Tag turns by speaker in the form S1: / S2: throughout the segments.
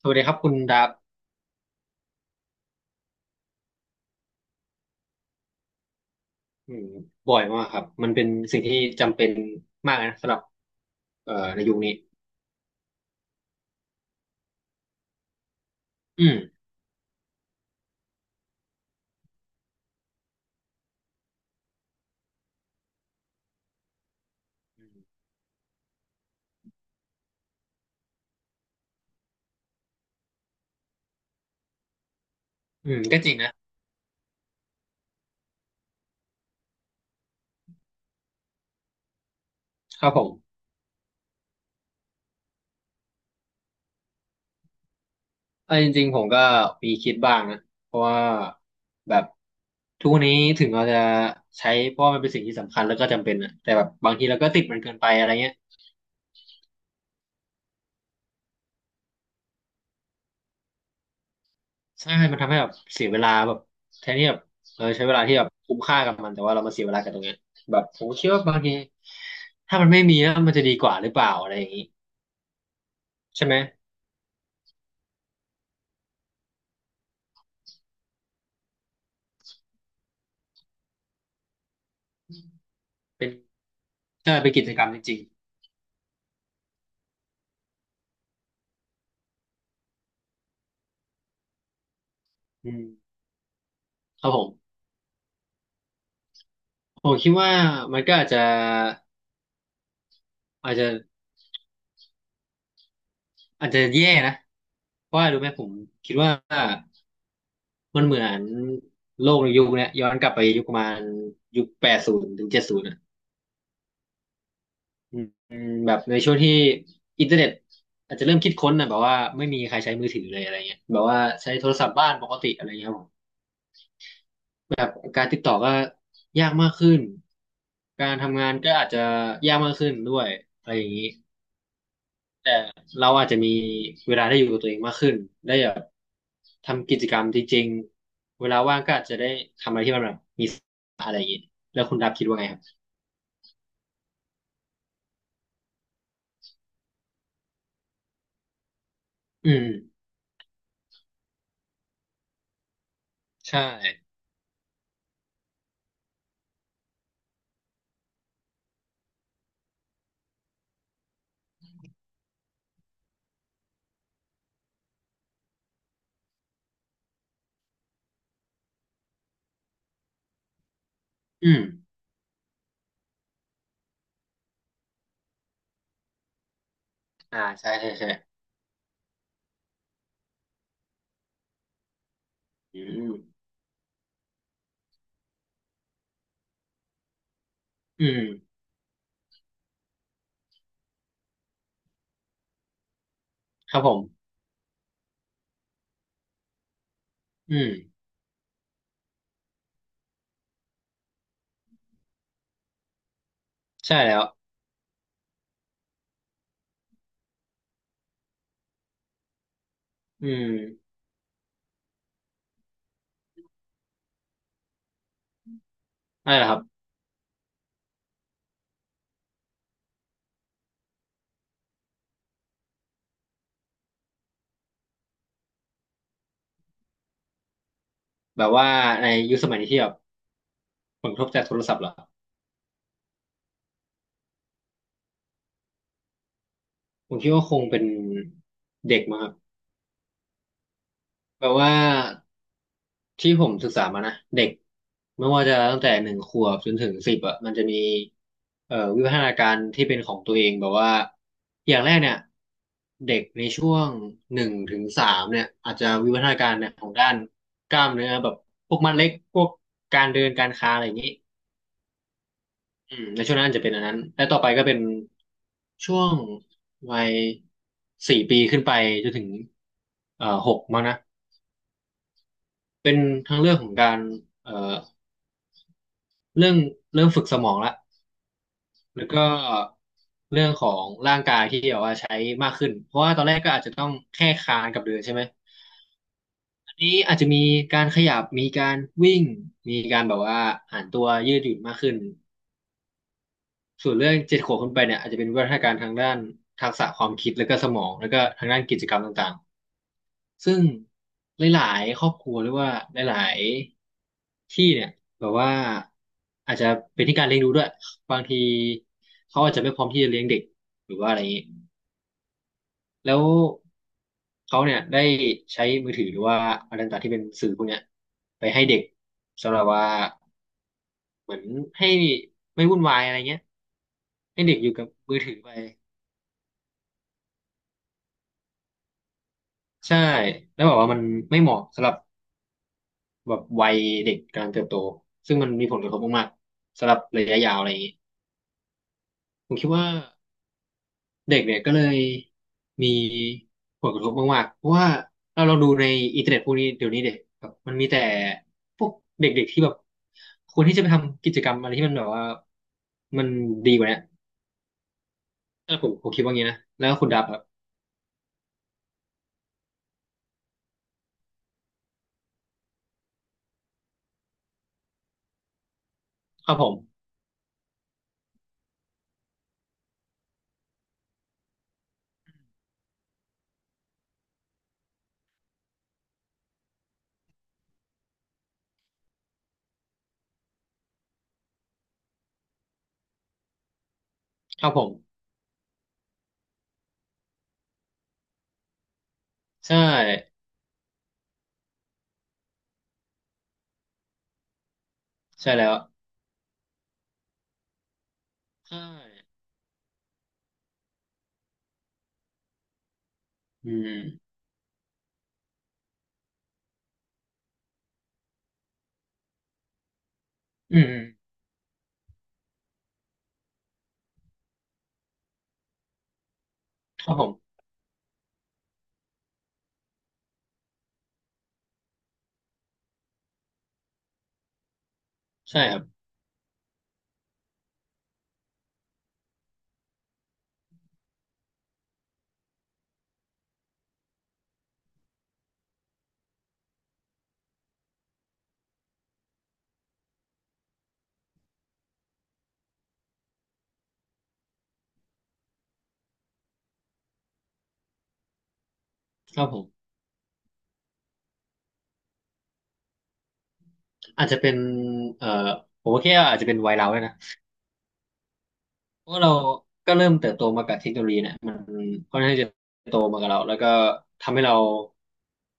S1: สวัสดีครับคุณดาบอืมบ่อยมากครับมันเป็นสิ่งที่จำเป็นมากนะสำหรับในยุคนี้อืมอืมก็จริงนะครับผมเออจริงๆผมก็มีคิดบ้างนะเพราะว่าแบบทุกวันนี้ถึงเราจะใช้เพราะว่ามันเป็นสิ่งที่สำคัญแล้วก็จำเป็นนะแต่แบบบางทีเราก็ติดมันเกินไปอะไรเงี้ยใช่มันทำให้แบบเสียเวลาแบบแทนที่แบบเออใช้เวลาที่แบบคุ้มค่ากับมันแต่ว่าเรามาเสียเวลากับตรงเนี้ยแบบผมคิดว่าบางทีถ้ามันไม่มีแล้วมันจะดีกว่าหรือเปล่าอะไรอย่างนี้ใช่ไหม เป็นใช่เป็นกิจกรรมจริงๆอืมครับผมคิดว่ามันก็อาจจะอาจจะแย่นะเพราะว่ารู้ไหมผมคิดว่ามันเหมือนโลกในยุคเนี้ยย้อนกลับไปยุคประมาณยุค80ถึง70อ่ะอืมอืมแบบในช่วงที่อินเทอร์เน็ตอาจจะเริ่มคิดค้นนะแบบว่าไม่มีใครใช้มือถือเลยอะไรเงี้ยแบบว่าใช้โทรศัพท์บ้านปกติอะไรเงี้ยครับผมแบบการติดต่อก็ยากมากขึ้นการทำงานก็อาจจะยากมากขึ้นด้วยอะไรอย่างนี้ แต่เราอาจจะมีเวลาได้อยู่กับตัวเองมากขึ้นได้แบบทำกิจกรรมจริงๆเวลาว่างก็อาจจะได้ทำอะไรที่มันแบบมีแล้วคุณดับคิดว่าไงครับอืมใช่อืมอ่าใช่ใช่ใช่อืมอืมครับผมอืมใช่แล้วอืมนั่นแหละครับแบบว่าในยุคสมัยนี้ที่แบบผลกระทบจากโทรศัพท์เหรอผมคิดว่าคงเป็นเด็กมั้งครับแบบว่า ที่ผมศึกษามานะเด็กไม่ว่าจะตั้งแต่1 ขวบจนถึงสิบอ่ะมันจะมีวิวัฒนาการที่เป็นของตัวเองแบบว่าอย่างแรกเนี่ยเด็กในช่วง1 ถึง 3เนี่ยอาจจะวิวัฒนาการเนี่ยของด้านกล้ามเนื้อแบบพวกมัดเล็กพวกการเดินการคลานอะไรอย่างนี้อืมในช่วงนั้นจะเป็นอันนั้นและต่อไปก็เป็นช่วงวัย4 ปีขึ้นไปจนถึง6มั้งนะเป็นทั้งเรื่องของการเอ่อ เรื่องเริ่มฝึกสมองละแล้วก็เรื่องของร่างกายที่แบบว่าใช้มากขึ้นเพราะว่าตอนแรกก็อาจจะต้องแค่คลานกับเดินใช่ไหมอันนี้อาจจะมีการขยับมีการวิ่งมีการแบบว่าหันตัวยืดหยุ่นมากขึ้นส่วนเรื่อง7 ขวบขึ้นไปเนี่ยอาจจะเป็นวิวัฒนาการทางด้านทักษะความคิดแล้วก็สมองแล้วก็ทางด้านกิจกรรมต่างๆ ซึ่งหลายๆครอบครัวหรือว่าหลายๆที่เนี่ยแบบว่าอาจจะเป็นที่การเลี้ยงดูด้วยบางทีเขาอาจจะไม่พร้อมที่จะเลี้ยงเด็กหรือว่าอะไรอย่างนี้แล้วเขาเนี่ยได้ใช้มือถือหรือว่าอะไรต่างๆที่เป็นสื่อพวกเนี้ยไปให้เด็กสำหรับว่าเหมือนให้ไม่วุ่นวายอะไรเงี้ยให้เด็กอยู่กับมือถือไปใช่แล้วบอกว่ามันไม่เหมาะสำหรับ แบบวัยเด็กกำลังเติบโตซึ่งมันมีผลกระทบมากๆสำหรับระยะยาวอะไรอย่างนี้ผมคิดว่าเด็กเนี่ยก็เลยมีผลกระทบมากๆเพราะว่าเราลองดูในอินเทอร์เน็ตพวกนี้เดี๋ยวนี้เด็กแบบมันมีแต่พวกเด็กๆที่แบบควรที่จะไปทำกิจกรรมอะไรที่มันแบบว่ามันดีกว่าเนี้ยแล้วผมคิดว่างี้นะแล้วคุณดับครับครับผมครับผมใช่ใช่แล้วใช่อืมอืมอืมครับผมใช่ครับครับผม อาจจะเป็นเอ่อผมว่าแค่อาจจะเป็นวัยเราด้วยนะเพราะเราก็เริ่มเติบโตมากับเทคโนโลยีเนี่ยมันค่อนข้างจะโตมากับเราแล้วก็ทำให้เรา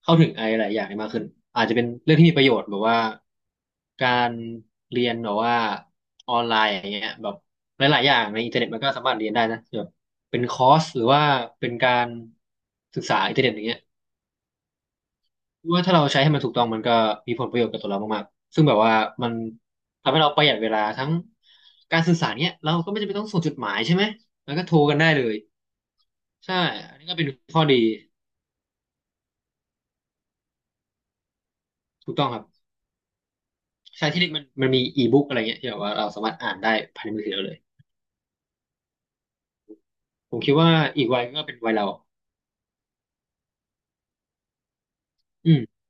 S1: เข้าถึงอะไรหลายอย่างได้มากขึ้นอาจจะเป็นเรื่องที่มีประโยชน์แบบว่าการเรียนแบบว่าออนไลน์อย่างเงี้ยแบบหลายๆอย่างในอินเทอร์เน็ตมันก็สามารถเรียนได้นะแบบเป็นคอร์สหรือว่าเป็นการศึกษาอินเทอร์เน็ตอย่างเงี้ย ว่าถ้าเราใช้ให้มันถูกต้องมันก็มีผลประโยชน์กับตัวเรามากๆซึ่งแบบว่ามันทำให้เราประหยัดเวลาทั้งการสื่อสารเนี้ยเราก็ไม่จำเป็นต้องส่งจดหมายใช่ไหมมันก็โทรกันได้เลยใช่อันนี้ก็เป็นข้อดีถูกต้องครับใช้ที่นี่มันมีอีบุ๊กอะไรเงี้ยที่แบบว่าเราสามารถอ่านได้ภายในมือถือเราเลยผมคิดว่าอีกวัยก็เป็นวัยเราอืม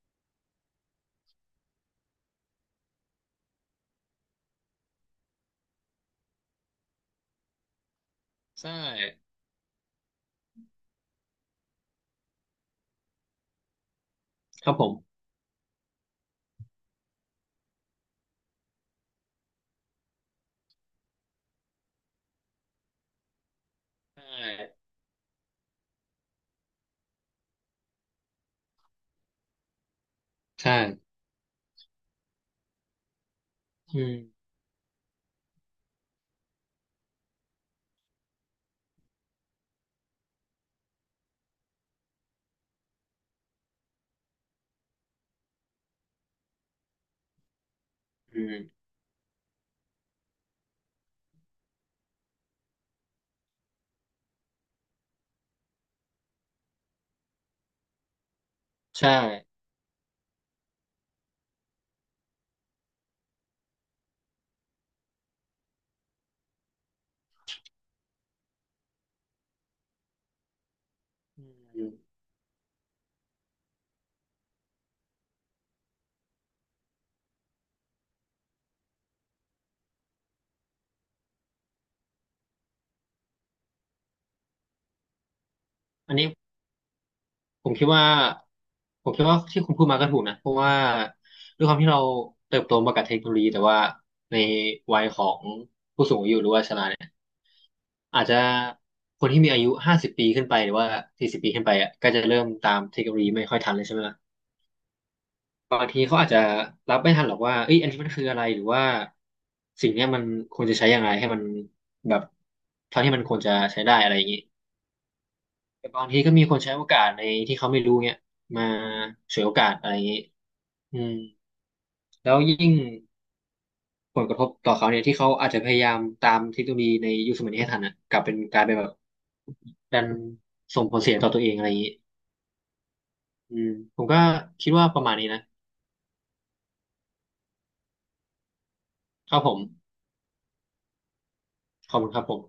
S1: ใช่ครับผมใช่ใช่อืมอืมใช่อืมอันนี้ ผมคิดว่าผมคิดว่าที่คุณพูดมาก็ถูกนะเพราะว่าด้วยความที่เราเติบโตมากับเทคโนโลยีแต่ว่าในวัยของผู้สูงอายุหรือว่าชราเนี่ยอาจจะคนที่มีอายุ50 ปีขึ้นไปหรือว่า40 ปีขึ้นไปอ่ะก็จะเริ่มตามเทคโนโลยีไม่ค่อยทันเลยใช่ไหมล่ะบางทีเขาอาจจะรับไม่ทันหรอกว่าเอ้ยอันนี้มันคืออะไรหรือว่าสิ่งเนี้ยมันควรจะใช้ยังไงให้มันแบบเท่าที่มันควรจะใช้ได้อะไรอย่างนี้ แต่บางทีก็มีคนใช้โอกาสในที่เขาไม่รู้เงี้ยมาฉวยโอกาสอะไรอย่างนี้อืมแล้วยิ่งผลกระทบต่อเขาเนี่ยที่เขาอาจจะพยายามตามเทคโนโลยีในยุคสมัยนี้ให้ทันอ่ะกลายเป็นแบบดันส่งผลเสียต่อตัวเองอะไรอย่างนี้อืมผมก็คิดว่าประมาณนี้นะครับผมขอบคุณครับผม